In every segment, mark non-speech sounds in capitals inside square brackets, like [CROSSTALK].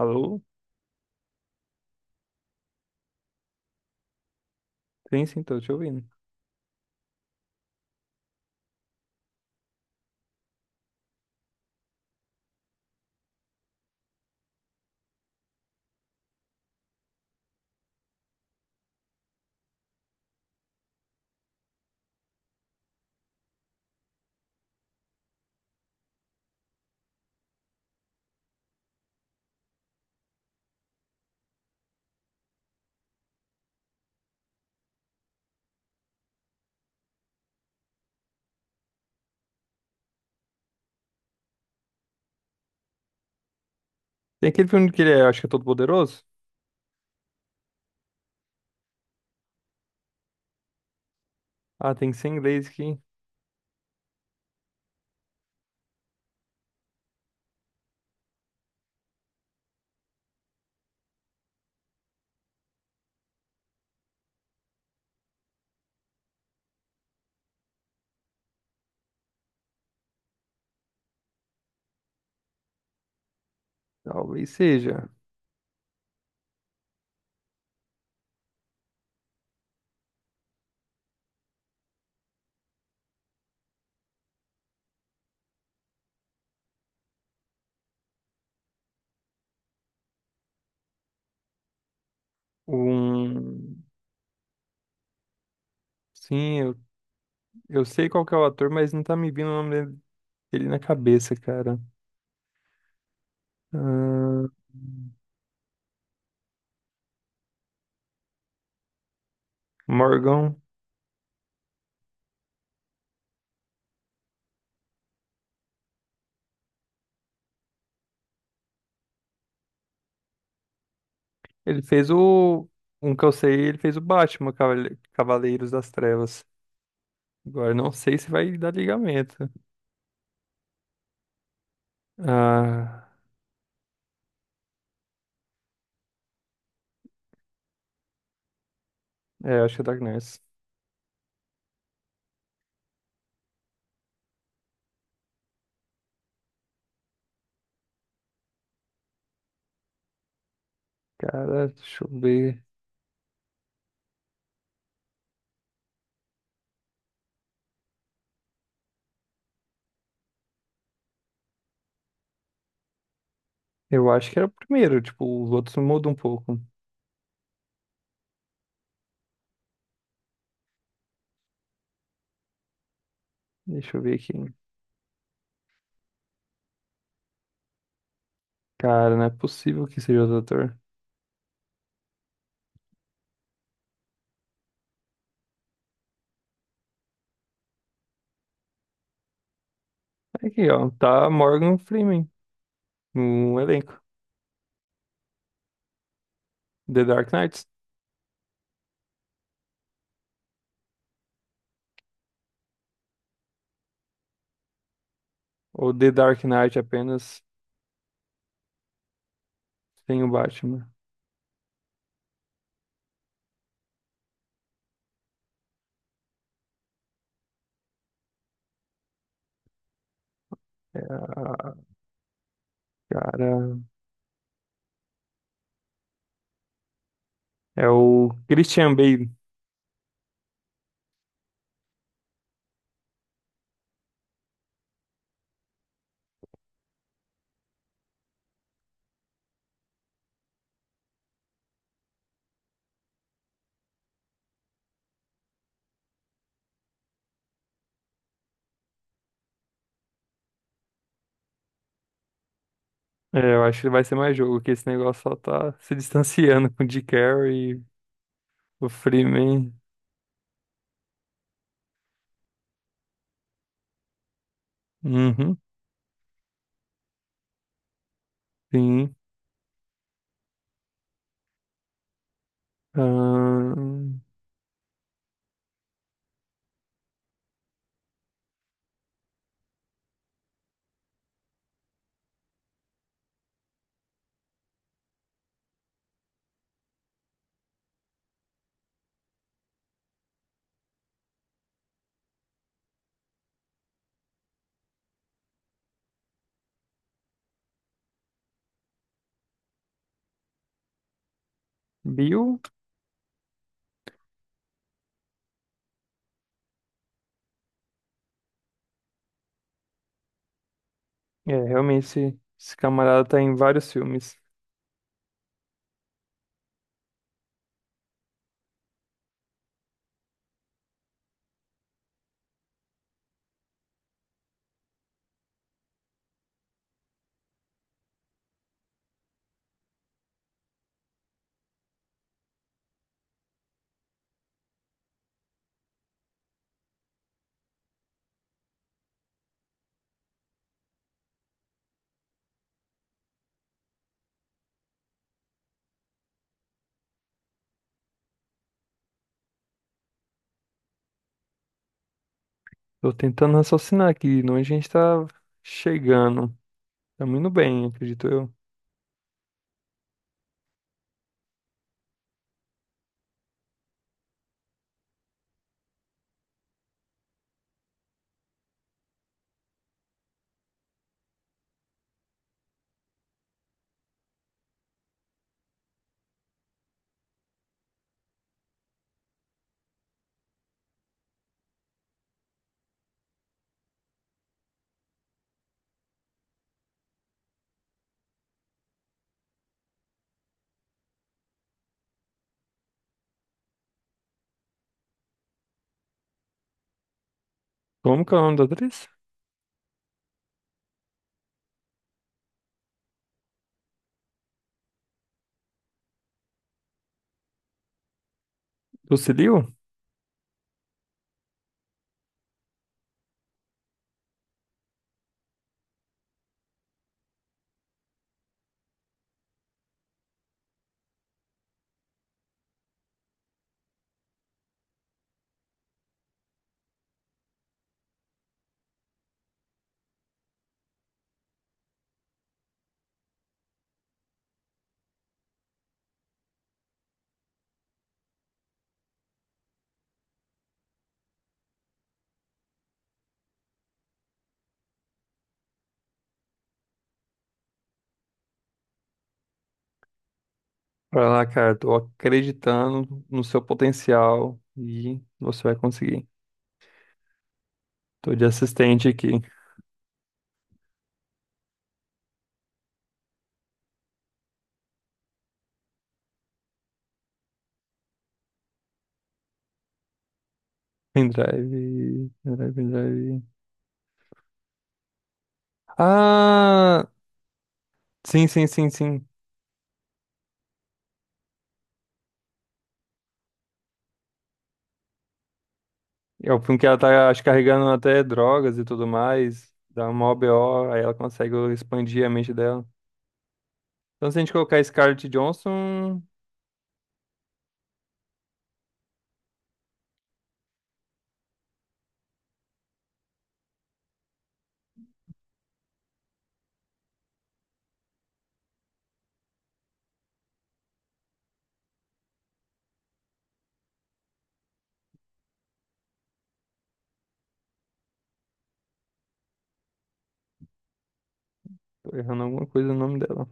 Alô? Sim, sim, tô te ouvindo. Tem aquele filme que ele é, acho que é Todo Poderoso? Ah, tem que ser em inglês aqui. Talvez seja. Um. Sim, eu sei qual que é o ator, mas não tá me vindo o nome dele na cabeça, cara. Ah, Morgan. Ele fez o. Um que eu sei, ele fez o Batman, Cavaleiros das Trevas. Agora, eu não sei se vai dar ligamento. Ah, é, acho que é Dark Knight. Cara, deixa eu ver. Eu acho que era o primeiro, tipo, os outros mudam um pouco. Deixa eu ver aqui. Cara, não é possível que seja outro ator. Aqui, ó. Tá Morgan Freeman no elenco. The Dark Knights. Ou The Dark Knight apenas sem o Batman. É, a- cara, é o Christian Bale. É, eu acho que vai ser mais jogo, que esse negócio só tá se [LAUGHS] distanciando com o Jim Carrey, o Freeman. Uhum, sim. Ahn, Bill. É, realmente esse camarada tá em vários filmes. Tô tentando raciocinar aqui, não a gente tá chegando. Tá muito bem, acredito eu. Como que é o nome da atriz? Lucilio? Vai lá, cara, tô acreditando no seu potencial e você vai conseguir. Tô de assistente aqui. Pendrive, pendrive, pendrive. Ah, sim, sim, sim, sim. É o filme que ela tá, acho, carregando até drogas e tudo mais. Dá uma OBO, aí ela consegue expandir a mente dela. Então, se a gente colocar Scarlett Johansson, tô errando alguma coisa no nome dela.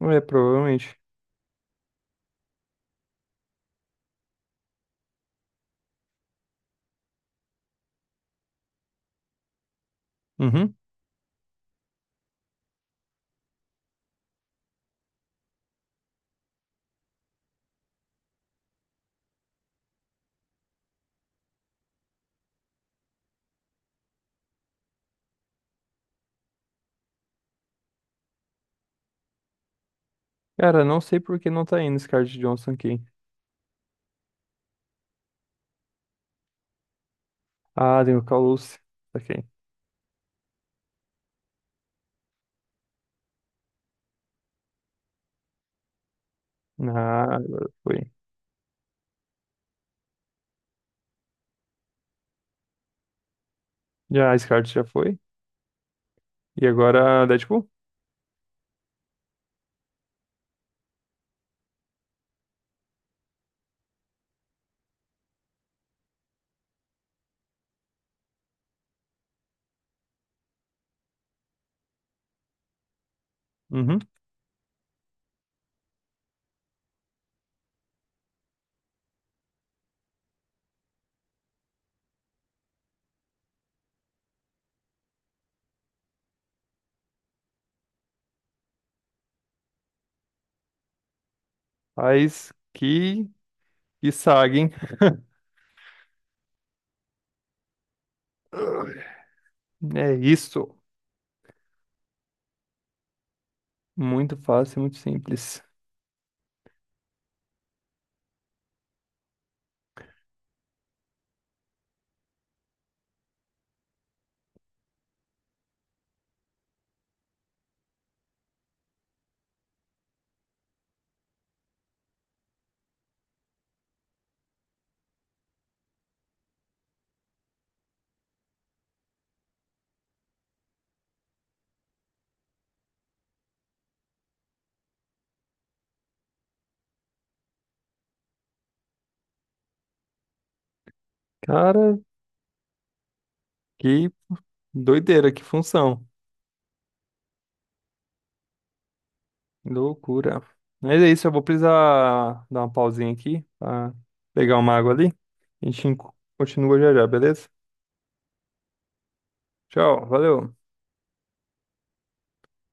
É, provavelmente. Uhum. Cara, não sei por que não tá indo Scarlett Johnson aqui. Ah, tem o Calus. Saquei. Ah, agora foi. Já, a Scarlett já foi. E agora, Deadpool? Uhum. Mas que saga, hein? É isso. Muito fácil, muito simples. Cara, que doideira, que função. Loucura. Mas é isso, eu vou precisar dar uma pausinha aqui pra pegar uma água ali. A gente continua já já, beleza? Tchau, valeu.